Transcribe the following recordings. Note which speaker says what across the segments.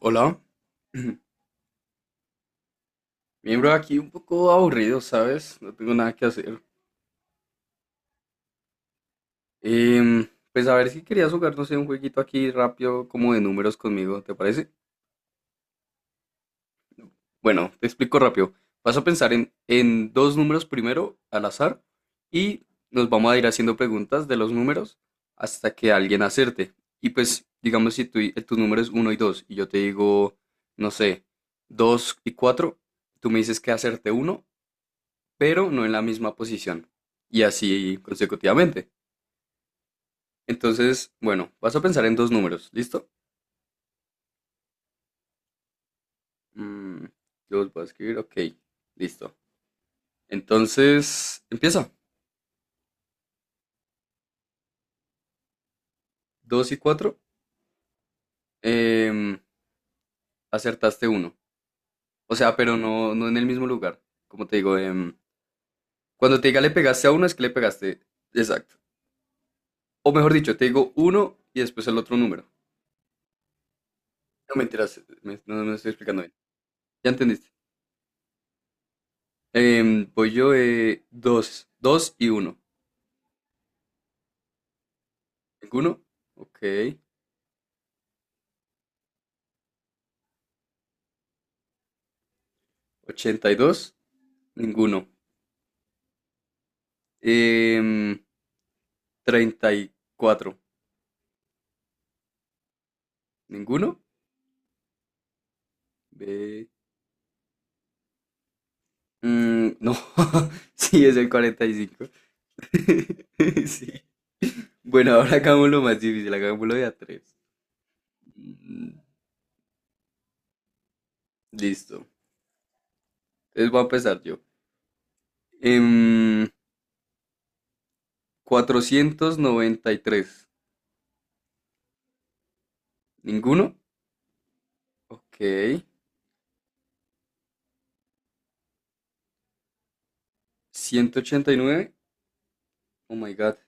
Speaker 1: Hola, miembro aquí un poco aburrido, ¿sabes? No tengo nada que hacer. Em, pues a ver si querías jugar, no sé, un jueguito aquí rápido, como de números conmigo, ¿te parece? Bueno, te explico rápido. Vas a pensar en dos números primero, al azar, y nos vamos a ir haciendo preguntas de los números hasta que alguien acerte. Y pues, digamos, si tu número es 1 y 2 y yo te digo, no sé, 2 y 4, tú me dices que acerte uno, pero no en la misma posición. Y así consecutivamente. Entonces, bueno, vas a pensar en dos números, ¿listo? Mm, los voy a escribir, ok, listo. Entonces, empieza. Dos y 4, acertaste uno. O sea, pero no, no en el mismo lugar. Como te digo, cuando te diga le pegaste a uno, es que le pegaste. Exacto. O mejor dicho, te digo uno y después el otro número. No mentiras, me, no no me estoy explicando bien. Ya entendiste. Voy yo, 2 2 y uno. ¿Ninguno? Ok. 82. Ninguno. Em, 34. ¿Ninguno? Ve- no, sí, es el 45. Sí. Bueno, ahora hagámoslo más difícil, hagámoslo de a 3. Listo. Entonces voy a empezar yo. Em, 493. ¿Ninguno? Ok. 189. Oh my God.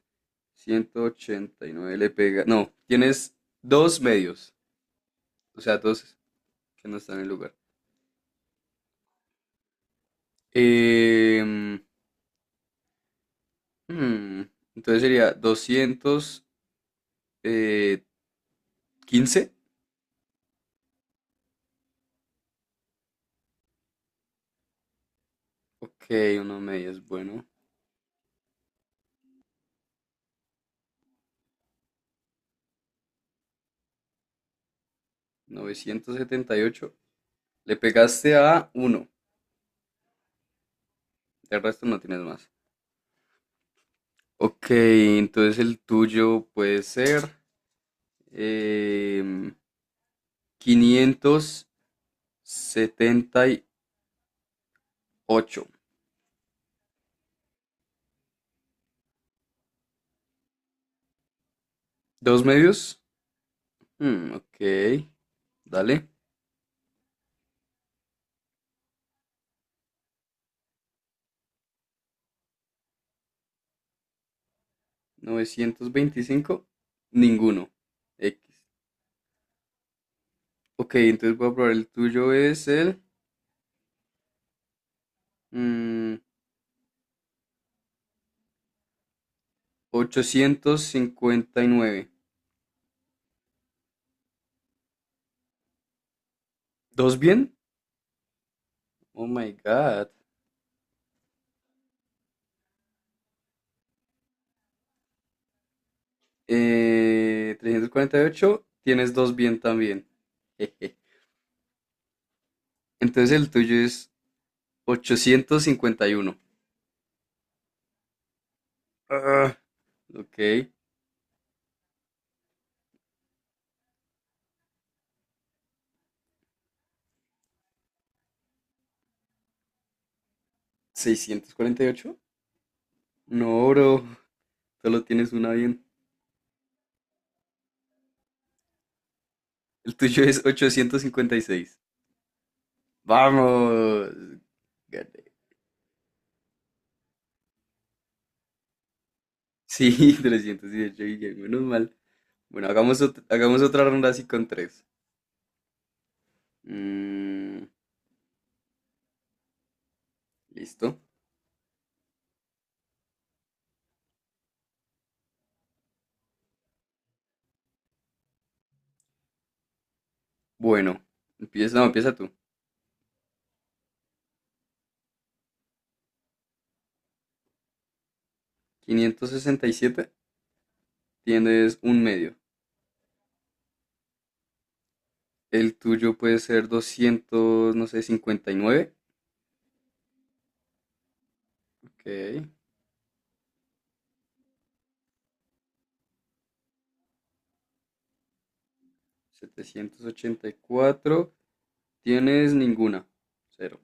Speaker 1: 189 le pega. No, tienes dos medios. O sea, dos que no están en el lugar. Em, hmm, entonces sería doscientos eh, quince. Ok, uno medio es bueno. 978. Le pegaste a uno. El resto no tienes más. Ok, entonces el tuyo puede ser eh, 578. ¿Dos medios? Hmm, ok, dale. 925, ninguno. X. Ok, entonces voy a probar, el tuyo es el mm, 859. ¿Dos bien? Oh my God. 348 tienes dos bien también. Jeje. Entonces el tuyo es 851. Ah, ok. ¿648? No, bro. Solo tienes una bien. El tuyo es 856. Vamos. Gané. Sí, 318 Guillén, menos mal. Bueno, hagamos otra ronda así con tres. Mm, listo. Bueno, empieza, no, empieza tú. 567, tienes un medio. El tuyo puede ser doscientos, no sé, 59. Ok. 784, tienes ninguna. Cero.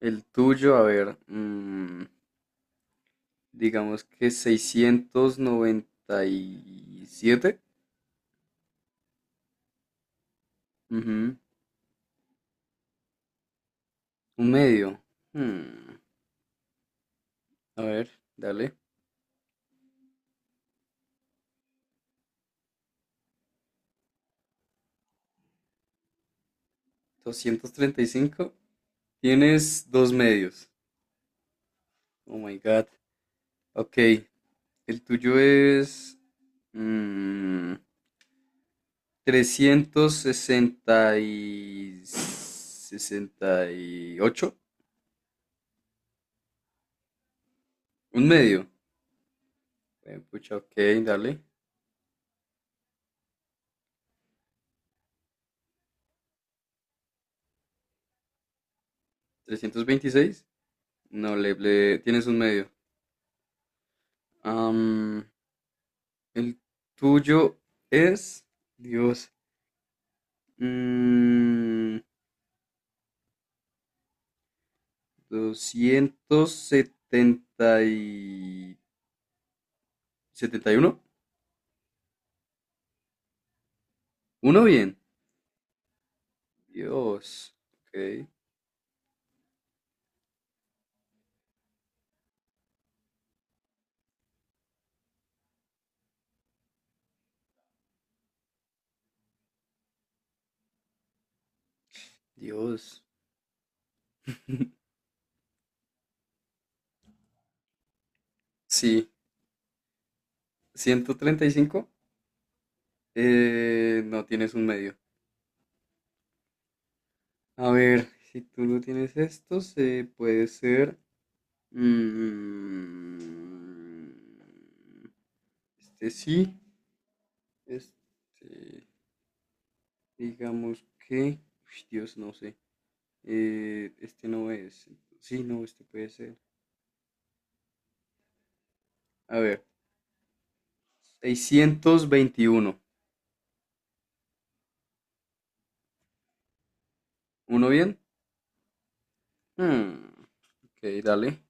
Speaker 1: El tuyo, a ver, digamos que 697. Ujú. Un medio. Hmm, A ver, dale. 235. Tienes dos medios. Oh my God. Ok. El tuyo es. mm, Trescientos sesenta y ocho. Un medio. Pucha, ok, dale. 326. No, tienes un medio. Am, el tuyo es. Dios. mm, Doscientos setenta y uno. Uno bien. Dios. Ok. Dios. Sí. 135. No tienes un medio. A ver, si tú no tienes esto, se puede ser. mm, este sí. Este. Digamos que. Uy, Dios, no sé. Este no es. Sí, no, este puede ser. A ver. 621. ¿Uno bien? Hmm, ok, dale.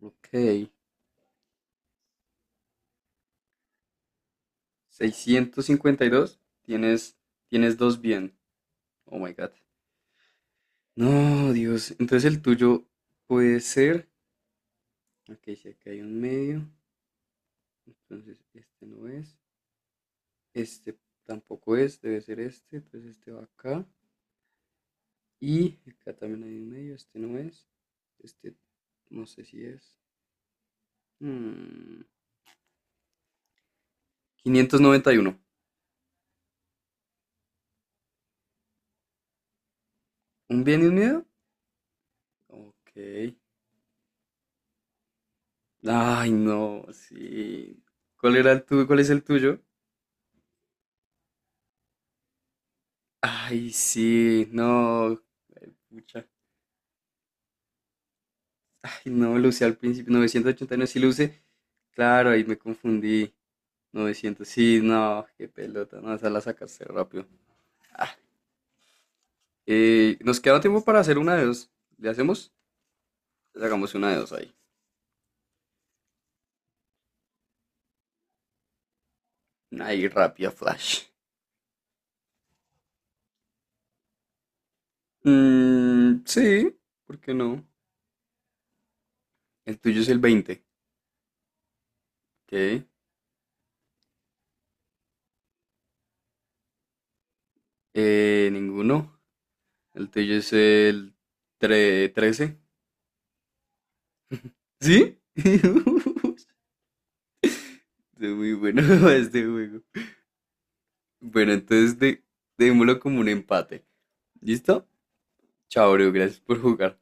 Speaker 1: Ok. 652. Tienes dos bien. Oh my God. No, Dios. Entonces el tuyo puede ser. Ok, si acá hay un medio. Entonces este no es. Este tampoco es. Debe ser este. Entonces este va acá. Y acá también hay un medio. Este no es. Este no sé si es. Hmm, 591. ¿Un bien y un medio? Ok. Ay, no, sí. ¿Cuál era el tuyo? ¿Cuál es el tuyo? Ay, sí, no. Ay, pucha. Ay, no, lo usé al principio. 989 sí lo usé. Claro, ahí me confundí. 900 sí, no, qué pelota. No, esa la sacaste rápido. Ah, nos queda tiempo para hacer una de dos. ¿Le hacemos? Sacamos una de dos ahí. Ahí, rápida flash. Mm, sí, ¿por qué no? El tuyo es el 20, ¿ok? Ninguno. El tuyo es el 13. ¿Sí? Este es muy bueno este juego. Bueno, entonces démoslo como un empate. ¿Listo? Chao, bro. Gracias por jugar.